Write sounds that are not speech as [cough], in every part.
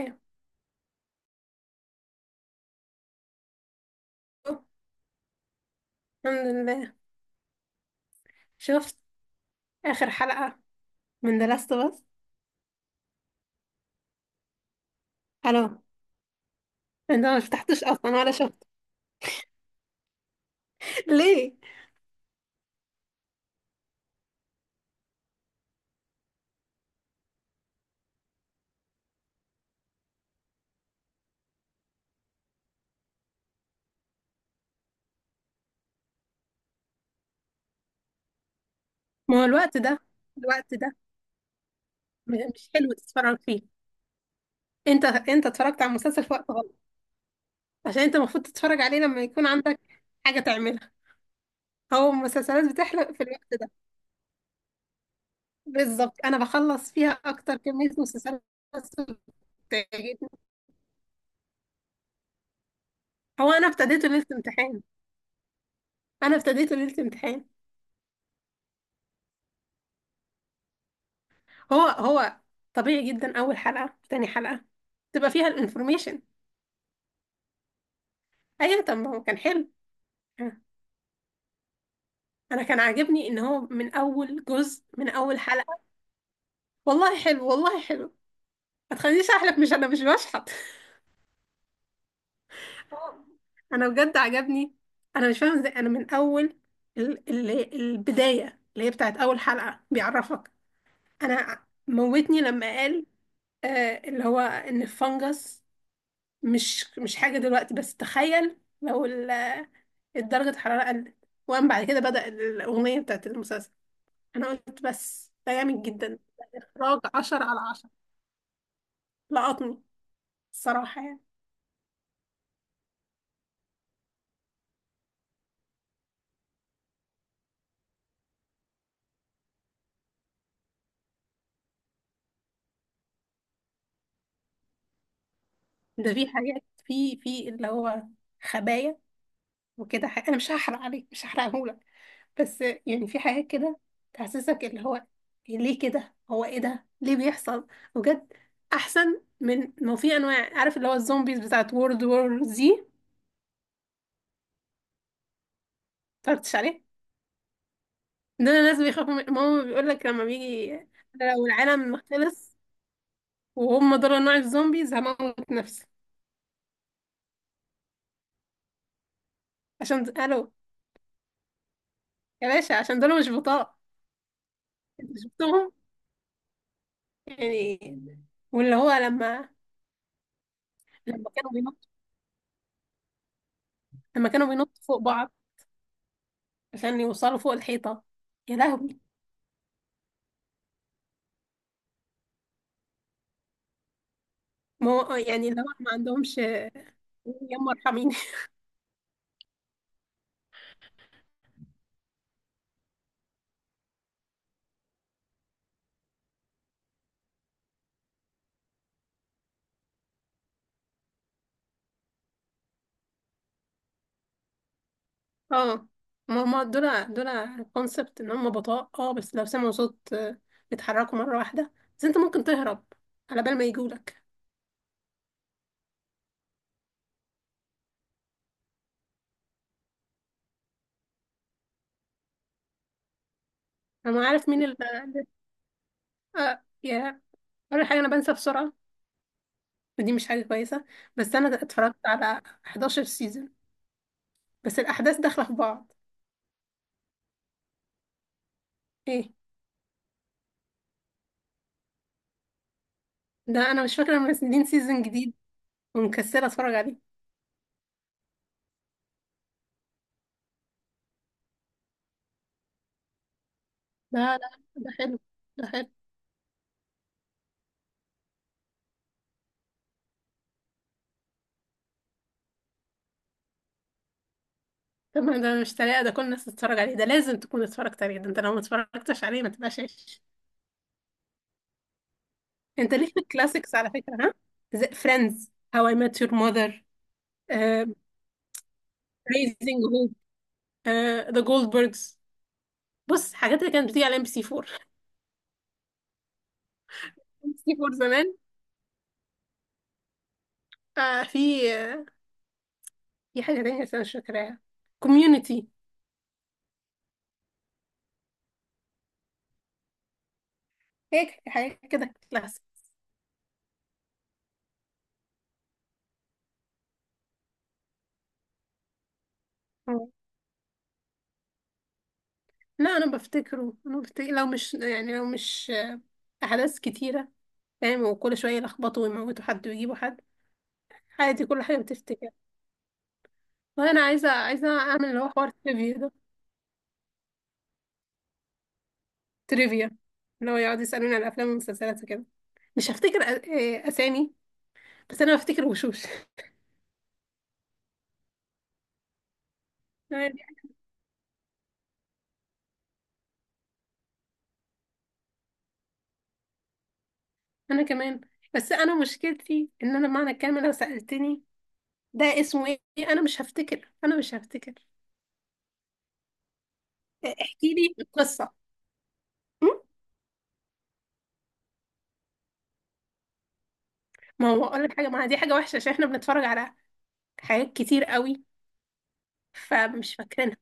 أيوة. الحمد لله، شفت آخر حلقة من ذا لاست. بس ألو، أنت ما فتحتش أصلا ولا شفت؟ [laughs] ليه؟ ما هو الوقت ده، الوقت ده مش حلو تتفرج فيه. أنت اتفرجت على المسلسل في وقت غلط. عشان أنت المفروض تتفرج عليه لما يكون عندك حاجة تعملها. هو المسلسلات بتحلق في الوقت ده؟ بالظبط، أنا بخلص فيها أكتر كمية مسلسلات بتعجبني. هو أنا ابتديته ليلة امتحان، أنا ابتديته ليلة امتحان. هو طبيعي جدا، اول حلقه تاني حلقه تبقى فيها الانفورميشن. ايوه، طب ما هو كان حلو. آه، انا كان عاجبني ان هو من اول جزء من اول حلقه. والله حلو، والله حلو. ما تخلينيش احلف، مش انا مش بشحت. [laughs] انا بجد عجبني. انا مش فاهمه ازاي. انا من اول ال البدايه اللي هي بتاعت اول حلقه بيعرفك. انا موتني لما قال آه، اللي هو ان الفنجس مش حاجه دلوقتي، بس تخيل لو ال درجة الحرارة قلت، وقام بعد كده بدأ الأغنية بتاعت المسلسل. أنا قلت، بس ده جامد جدا. إخراج عشرة على عشرة، لقطني الصراحة يعني. ده في حاجات في اللي هو خبايا وكده حاجة. أنا مش هحرق عليك، مش هحرقهولك، بس يعني في حاجات كده تحسسك اللي هو إيه، ليه كده، هو إيه ده ليه بيحصل؟ بجد أحسن من ما في أنواع، عارف، اللي هو الزومبيز بتاعت وورد وور. زي اتفرجتش عليه؟ ده انا لازم يخافوا من ماما، بيقول لك لما بيجي. أنا لو العالم خلص وهم دول نوع الزومبيز، هموت نفسي. عشان الو يا باشا، عشان دول مش بطاقة. انت شفتهم يعني، واللي هو لما، لما كانوا بينطوا، لما كانوا بينطوا فوق بعض عشان يوصلوا فوق الحيطة. يا لهوي. ما هو يعني اللي هو ما عندهمش. يما ارحميني. [laughs] اه. ما هما دول، دول كونسبت ان هم بطاء، اه، بس لو سمعوا صوت بيتحركوا مرة واحدة. بس انت ممكن تهرب على بال ما يجولك. انا عارف مين اللي اللي- آه يا اول حاجه انا بنسى بسرعه، ودي مش حاجه كويسه. بس انا اتفرجت على 11 سيزون، بس الاحداث داخله في بعض. ايه، ده انا مش فاكره منزلين سيزون جديد ومكسله اتفرج عليه. لا، ده حلو، ده حلو. طب ما ده مش طريقه، ده كل الناس تتفرج عليه، ده لازم تكون اتفرجت عليه، ده انت لو ما اتفرجتش عليه ما تبقاش عايش. انت، ليه في الكلاسيكس على فكره؟ ها، فريندز، هاو اي ميت يور ماذر، ريزنج هوب، ذا جولدبرجز. بص حاجات اللي كانت بتيجي على ام بي سي سي فور زمان. آه، في في حاجة تانية بس أنا مش فاكراها. كوميونيتي. هيك حاجات كده كلاسيك. لا أنا بفتكره، أنا بفتكر لو مش يعني لو مش أحداث كتيرة، فاهم، وكل شوية يلخبطوا ويموتوا حد ويجيبوا حد. عادي كل حاجة بتفتكر. وأنا عايزة، عايزة أعمل اللي هو حوار تريفيا ده، تريفيا، اللي هو يقعد يسألوني على الأفلام والمسلسلات وكده. مش هفتكر أسامي، بس أنا بفتكر وشوش. [laughs] أنا كمان، بس أنا مشكلتي إن أنا بمعنى الكلمة لو سألتني ده اسمه ايه، انا مش هفتكر، انا مش هفتكر. احكي لي القصه. م؟ ما هو اقول لك حاجه، ما دي حاجه وحشه عشان احنا بنتفرج على حاجات كتير قوي فمش فاكرينها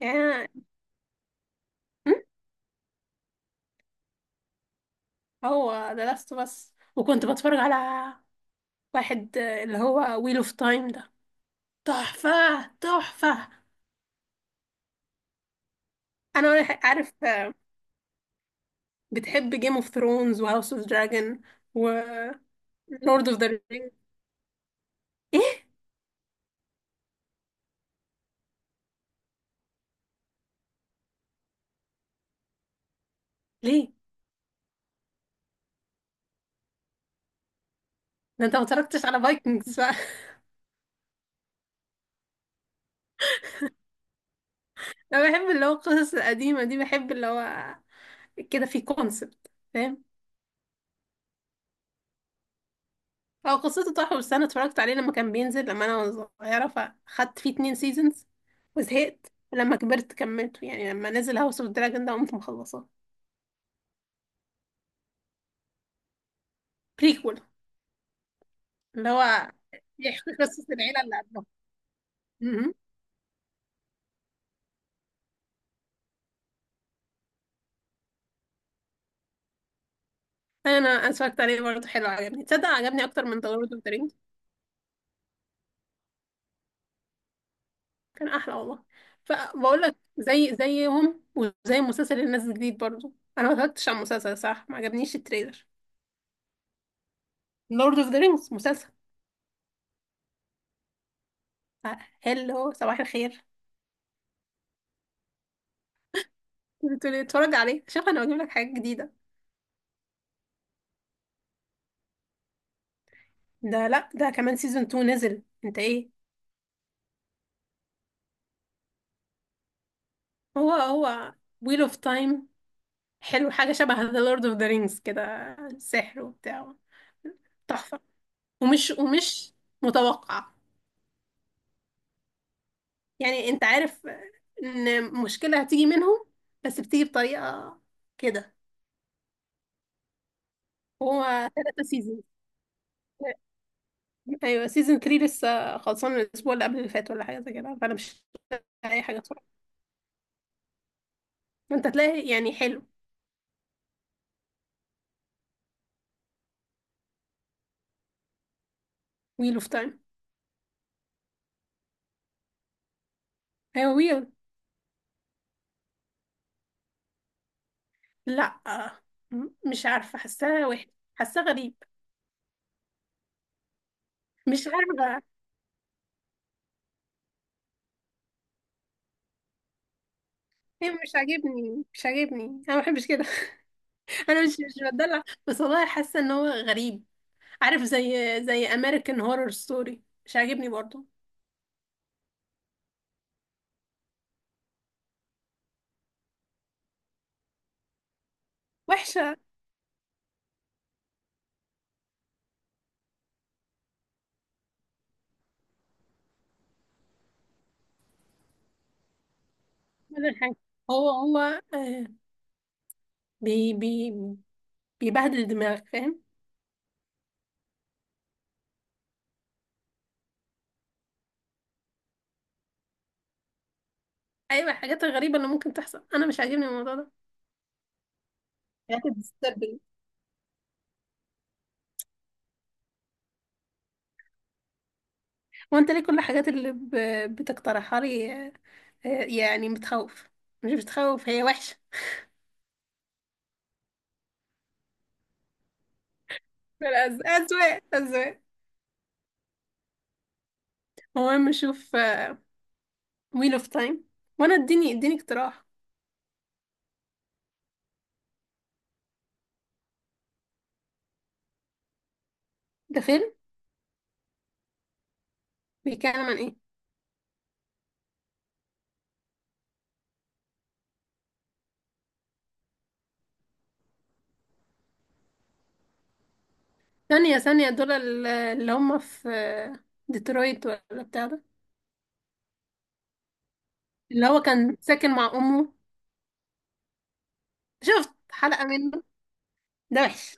يعني. م؟ هو ده لاست، بس وكنت بتفرج على واحد اللي هو ويل اوف تايم ده. تحفه، تحفه. انا عارف بتحب جيم اوف ثرونز وهاوس اوف دراجون ولورد اوف ذا رينج؟ ايه ليه ده، انت ما اتفرجتش على فايكنجز. انا بحب اللي هو القصص القديمه دي، بحب اللي هو كده في كونسبت، فاهم. هو قصته تحفه، بس انا اتفرجت عليه لما كان بينزل، لما انا، وانا صغيره، فاخدت فيه اتنين سيزونز وزهقت. لما كبرت كملته، يعني لما نزل هاوس اوف دراجون ده قمت مخلصاه. بريكول، اللي هو بيحكي قصه العيله اللي قبلها. م-م. انا اتفرجت عليه برضه، حلو، عجبني، تصدق عجبني اكتر من ذا لورد اوف ذا رينجز، كان احلى والله. فبقول لك زي زيهم، وزي المسلسل اللي نازل جديد برضه، انا ما اتفرجتش على المسلسل، صح، ما عجبنيش التريلر. لورد اوف ذا رينجز مسلسل. هلو، صباح الخير. بتقولي اتفرج عليه؟ شوف، انا بجيب لك حاجات جديده. ده، لا ده كمان سيزون 2 نزل، انت ايه؟ هو ويل اوف تايم، حلو، حاجه شبه ذا لورد اوف ذا رينجز كده، سحر وبتاع، تحفه، ومش متوقع. يعني انت عارف ان مشكله هتيجي منهم، بس بتيجي بطريقه كده. هو ثلاثة سيزون. ايوه سيزون 3 لسه خلصان الاسبوع اللي قبل اللي فات ولا حاجه زي كده، فانا مش لاقي اي حاجه اتفرج. ما انت تلاقي يعني حلو. ويل اوف تايم. ايوه، ويل. لا، مش عارفه، حاساها وحش، حاساه غريب، مش عارفه. هي مش عاجبني، مش عاجبني، انا ما بحبش كده. [laughs] انا مش بتدلع، بس والله حاسه ان هو غريب، عارف، زي، زي امريكان هورر ستوري، مش عاجبني برضه، وحشه، ولا حاجه. هو آه، بي بيبهدل دماغك، فاهم. ايوه الحاجات الغريبه اللي ممكن تحصل، انا مش عاجبني الموضوع ده، حاجات disturbing. وانت ليه كل الحاجات اللي بتقترحها لي يعني بتخوف، مش بتخوف، هي وحشه. اذواق، اذواق. المهم نشوف ويل اوف تايم، وانا اديني، اديني اقتراح. ده فيلم؟ بيتكلم عن ايه؟ ثانيه ثانيه، دول اللي هم في ديترويت ولا بتاع ده، اللي هو كان ساكن مع امه؟ شفت حلقه منه. ده وحش.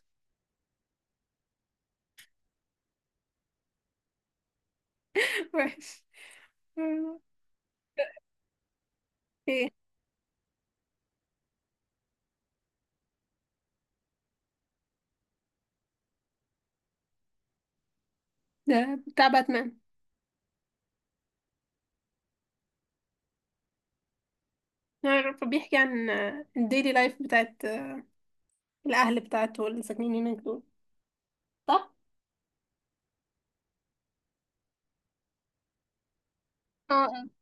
[laughs] وحش. ايه ده؟ بتاع باتمان؟ يعني فبيحكي عن الديلي لايف بتاعت الأهل بتاعته اللي ساكنين هناك دول، صح؟ اه،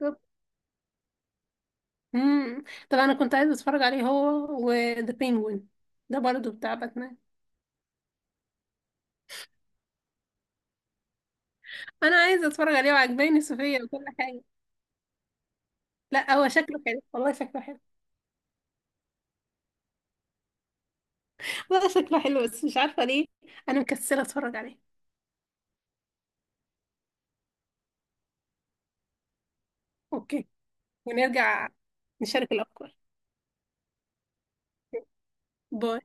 بالظبط. امم. طب أنا كنت عايزة أتفرج عليه هو وذا بينجوين، ده برضه بتاع باتمان. أنا عايزة أتفرج عليه وعجباني سofia وكل حاجة. لا هو شكله حلو والله، شكله حلو. لا شكله حلو، بس مش عارفة ليه أنا مكسلة أتفرج عليه. أوكي، ونرجع نشارك الأفكار. باي.